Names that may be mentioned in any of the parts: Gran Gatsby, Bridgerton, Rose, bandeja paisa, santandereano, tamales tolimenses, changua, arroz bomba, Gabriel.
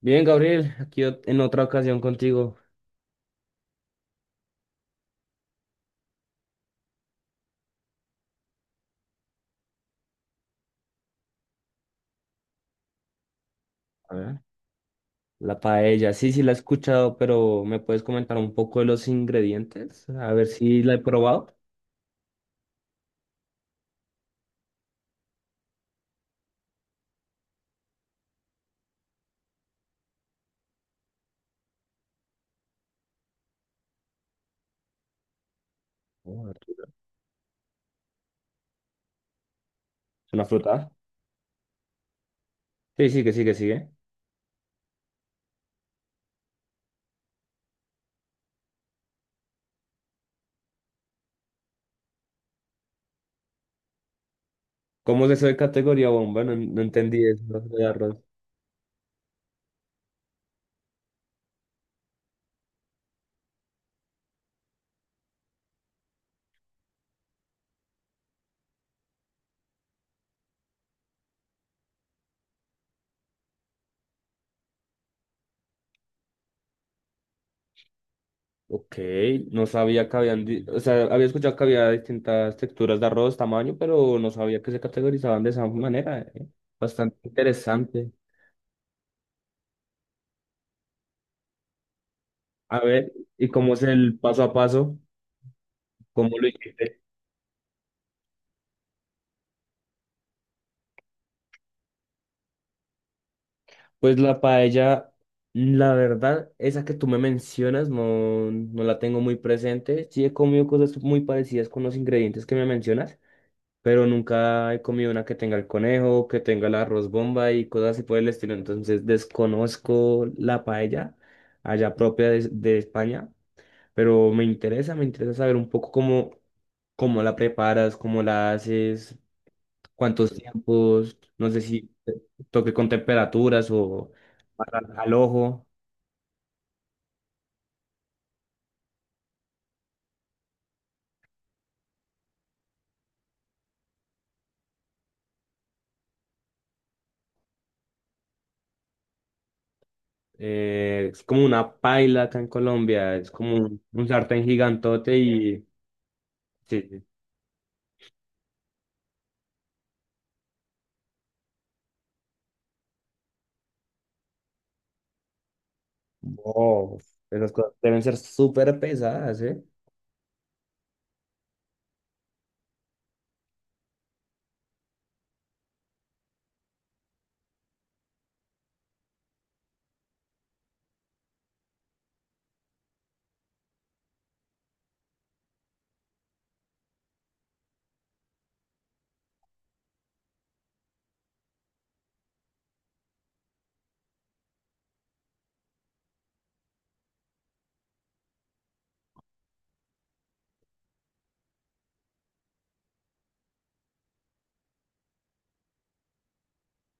Bien, Gabriel, en otra ocasión contigo. A ver. La paella, sí la he escuchado, pero ¿me puedes comentar un poco de los ingredientes? A ver si la he probado. Oh, verdura. ¿Una fruta? Sí, sí, que sigue. ¿Cómo es eso de categoría bomba? No entendí eso de arroz. Ok, no sabía que habían, di- o sea, había escuchado que había distintas texturas de arroz, tamaño, pero no sabía que se categorizaban de esa manera. ¿Eh? Bastante interesante. A ver, ¿y cómo es el paso a paso? ¿Cómo lo hiciste? Pues la paella, la verdad, esa que tú me mencionas, no la tengo muy presente. Sí he comido cosas muy parecidas con los ingredientes que me mencionas, pero nunca he comido una que tenga el conejo, que tenga el arroz bomba y cosas así por el estilo. Entonces desconozco la paella allá propia de España, pero me interesa saber un poco cómo, cómo la preparas, cómo la haces, cuántos tiempos, no sé si toque con temperaturas o al ojo. Es como una paila acá en Colombia, es como un sartén gigantote y sí, sí. Wow, esas cosas deben ser súper pesadas, ¿eh?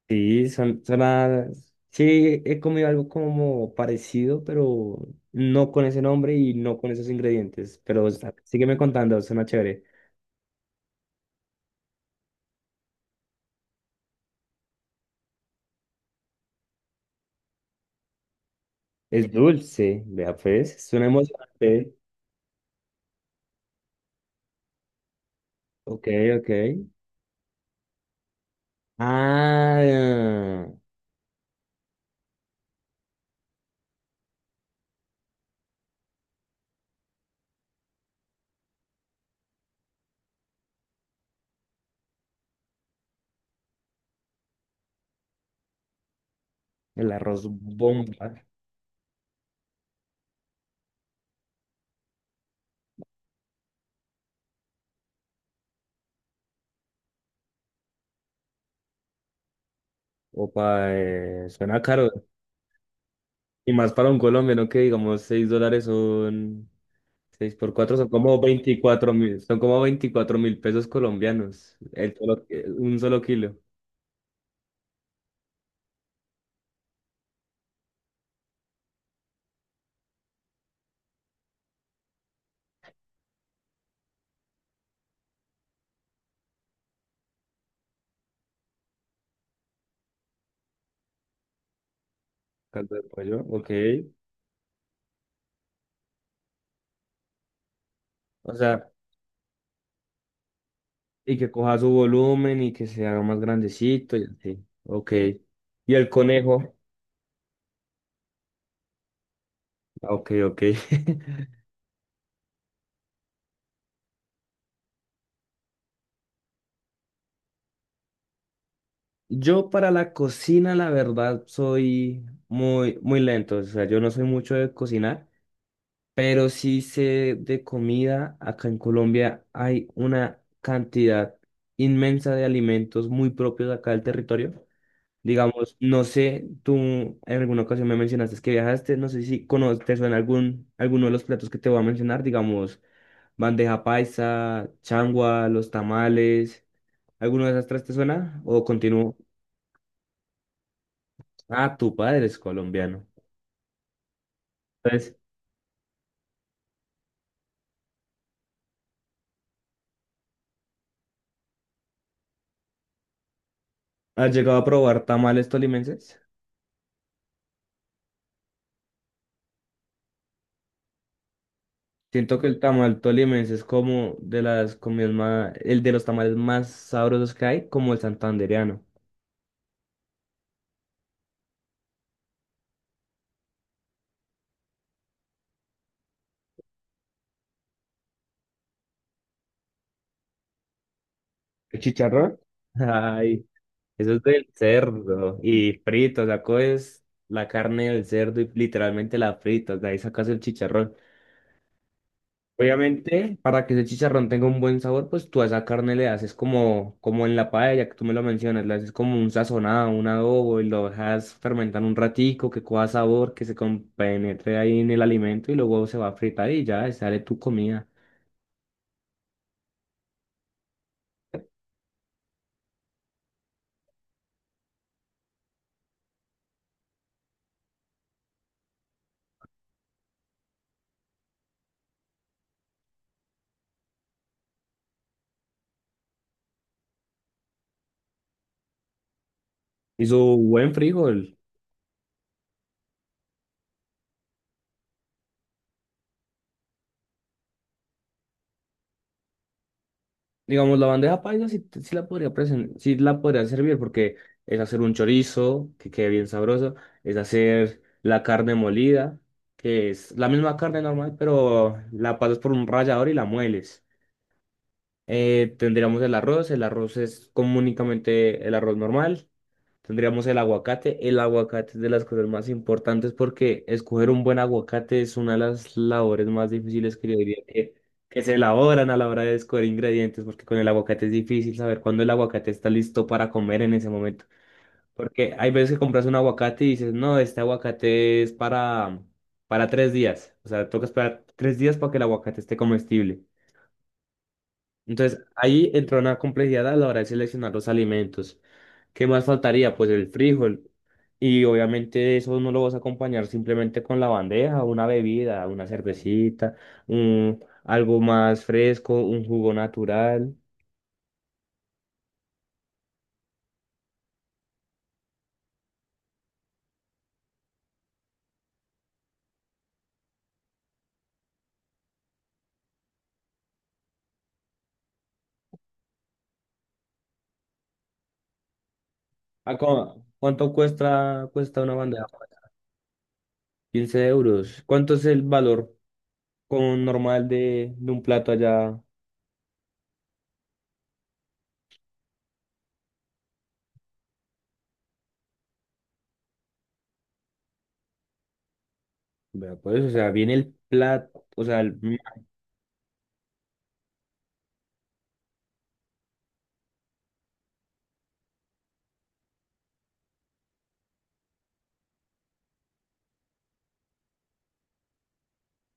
Sí, son, son a- Sí, he comido algo como parecido, pero no con ese nombre y no con esos ingredientes. Pero o sea, sígueme contando, suena chévere. Es dulce, vea pues, suena emocionante. Ok, ok. Ah, el arroz bomba. Opa, suena caro. Y más para un colombiano que digamos $6 son 6 por 4 son como 24.000, son como 24 mil pesos colombianos. Un solo kilo. Caldo de pollo, ok. O sea, y que coja su volumen y que se haga más grandecito y así. Ok. Y el conejo, ah, ok, ok. Yo para la cocina, la verdad, soy muy, muy lento. O sea, yo no soy mucho de cocinar, pero sí sé de comida. Acá en Colombia hay una cantidad inmensa de alimentos muy propios de acá del territorio. Digamos, no sé, tú en alguna ocasión me mencionaste que viajaste, no sé si conoces, te suena algún, alguno de los platos que te voy a mencionar, digamos, bandeja paisa, changua, los tamales, ¿alguno de esas tres te suena? ¿O continúo? Ah, tu padre es colombiano. Entonces, ¿has llegado a probar tamales tolimenses? Siento que el tamal tolimense es como de las comidas más, el de los tamales más sabrosos que hay, como el santandereano. ¿El chicharrón? Ay, eso es del cerdo y frito, o sea, coges la carne del cerdo y literalmente la fritas, de ahí sacas el chicharrón. Obviamente, para que ese chicharrón tenga un buen sabor, pues tú a esa carne le haces como, como en la paella, que tú me lo mencionas, le haces como un sazonado, un adobo, y lo dejas fermentar un ratico, que coja sabor, que se compenetre ahí en el alimento, y luego se va a fritar y ya, sale tu comida. Y su buen frijol. Digamos, la bandeja paisa sí, sí la podría servir porque es hacer un chorizo que quede bien sabroso, es hacer la carne molida, que es la misma carne normal, pero la pasas por un rallador y la mueles. Tendríamos el arroz es comúnmente el arroz normal. Tendríamos el aguacate. El aguacate es de las cosas más importantes porque escoger un buen aguacate es una de las labores más difíciles que yo diría que se elaboran a la hora de escoger ingredientes, porque con el aguacate es difícil saber cuándo el aguacate está listo para comer en ese momento. Porque hay veces que compras un aguacate y dices, no, este aguacate es para 3 días. O sea, toca esperar 3 días para que el aguacate esté comestible. Entonces, ahí entra una complejidad a la hora de seleccionar los alimentos. ¿Qué más faltaría? Pues el frijol. Y obviamente eso no lo vas a acompañar simplemente con la bandeja, una bebida, una cervecita, un, algo más fresco, un jugo natural. ¿Cuánto cuesta, cuesta una bandeja? 15 euros. ¿Cuánto es el valor con normal de un plato allá? Vea, pues, o sea, viene el plato, o sea, el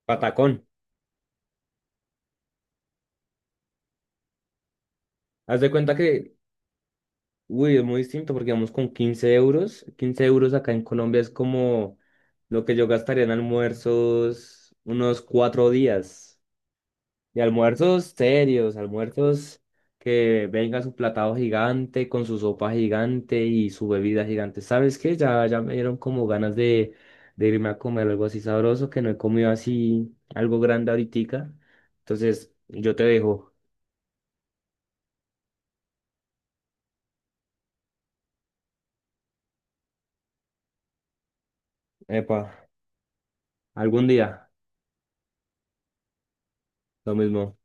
patacón. Haz de cuenta que uy, es muy distinto porque vamos con 15 euros. Quince euros acá en Colombia es como lo que yo gastaría en almuerzos unos 4 días. Y almuerzos serios, almuerzos que venga su platado gigante, con su sopa gigante y su bebida gigante. ¿Sabes qué? Ya, ya me dieron como ganas de irme a comer algo así sabroso, que no he comido así algo grande ahoritica. Entonces, yo te dejo. Epa, algún día, lo mismo.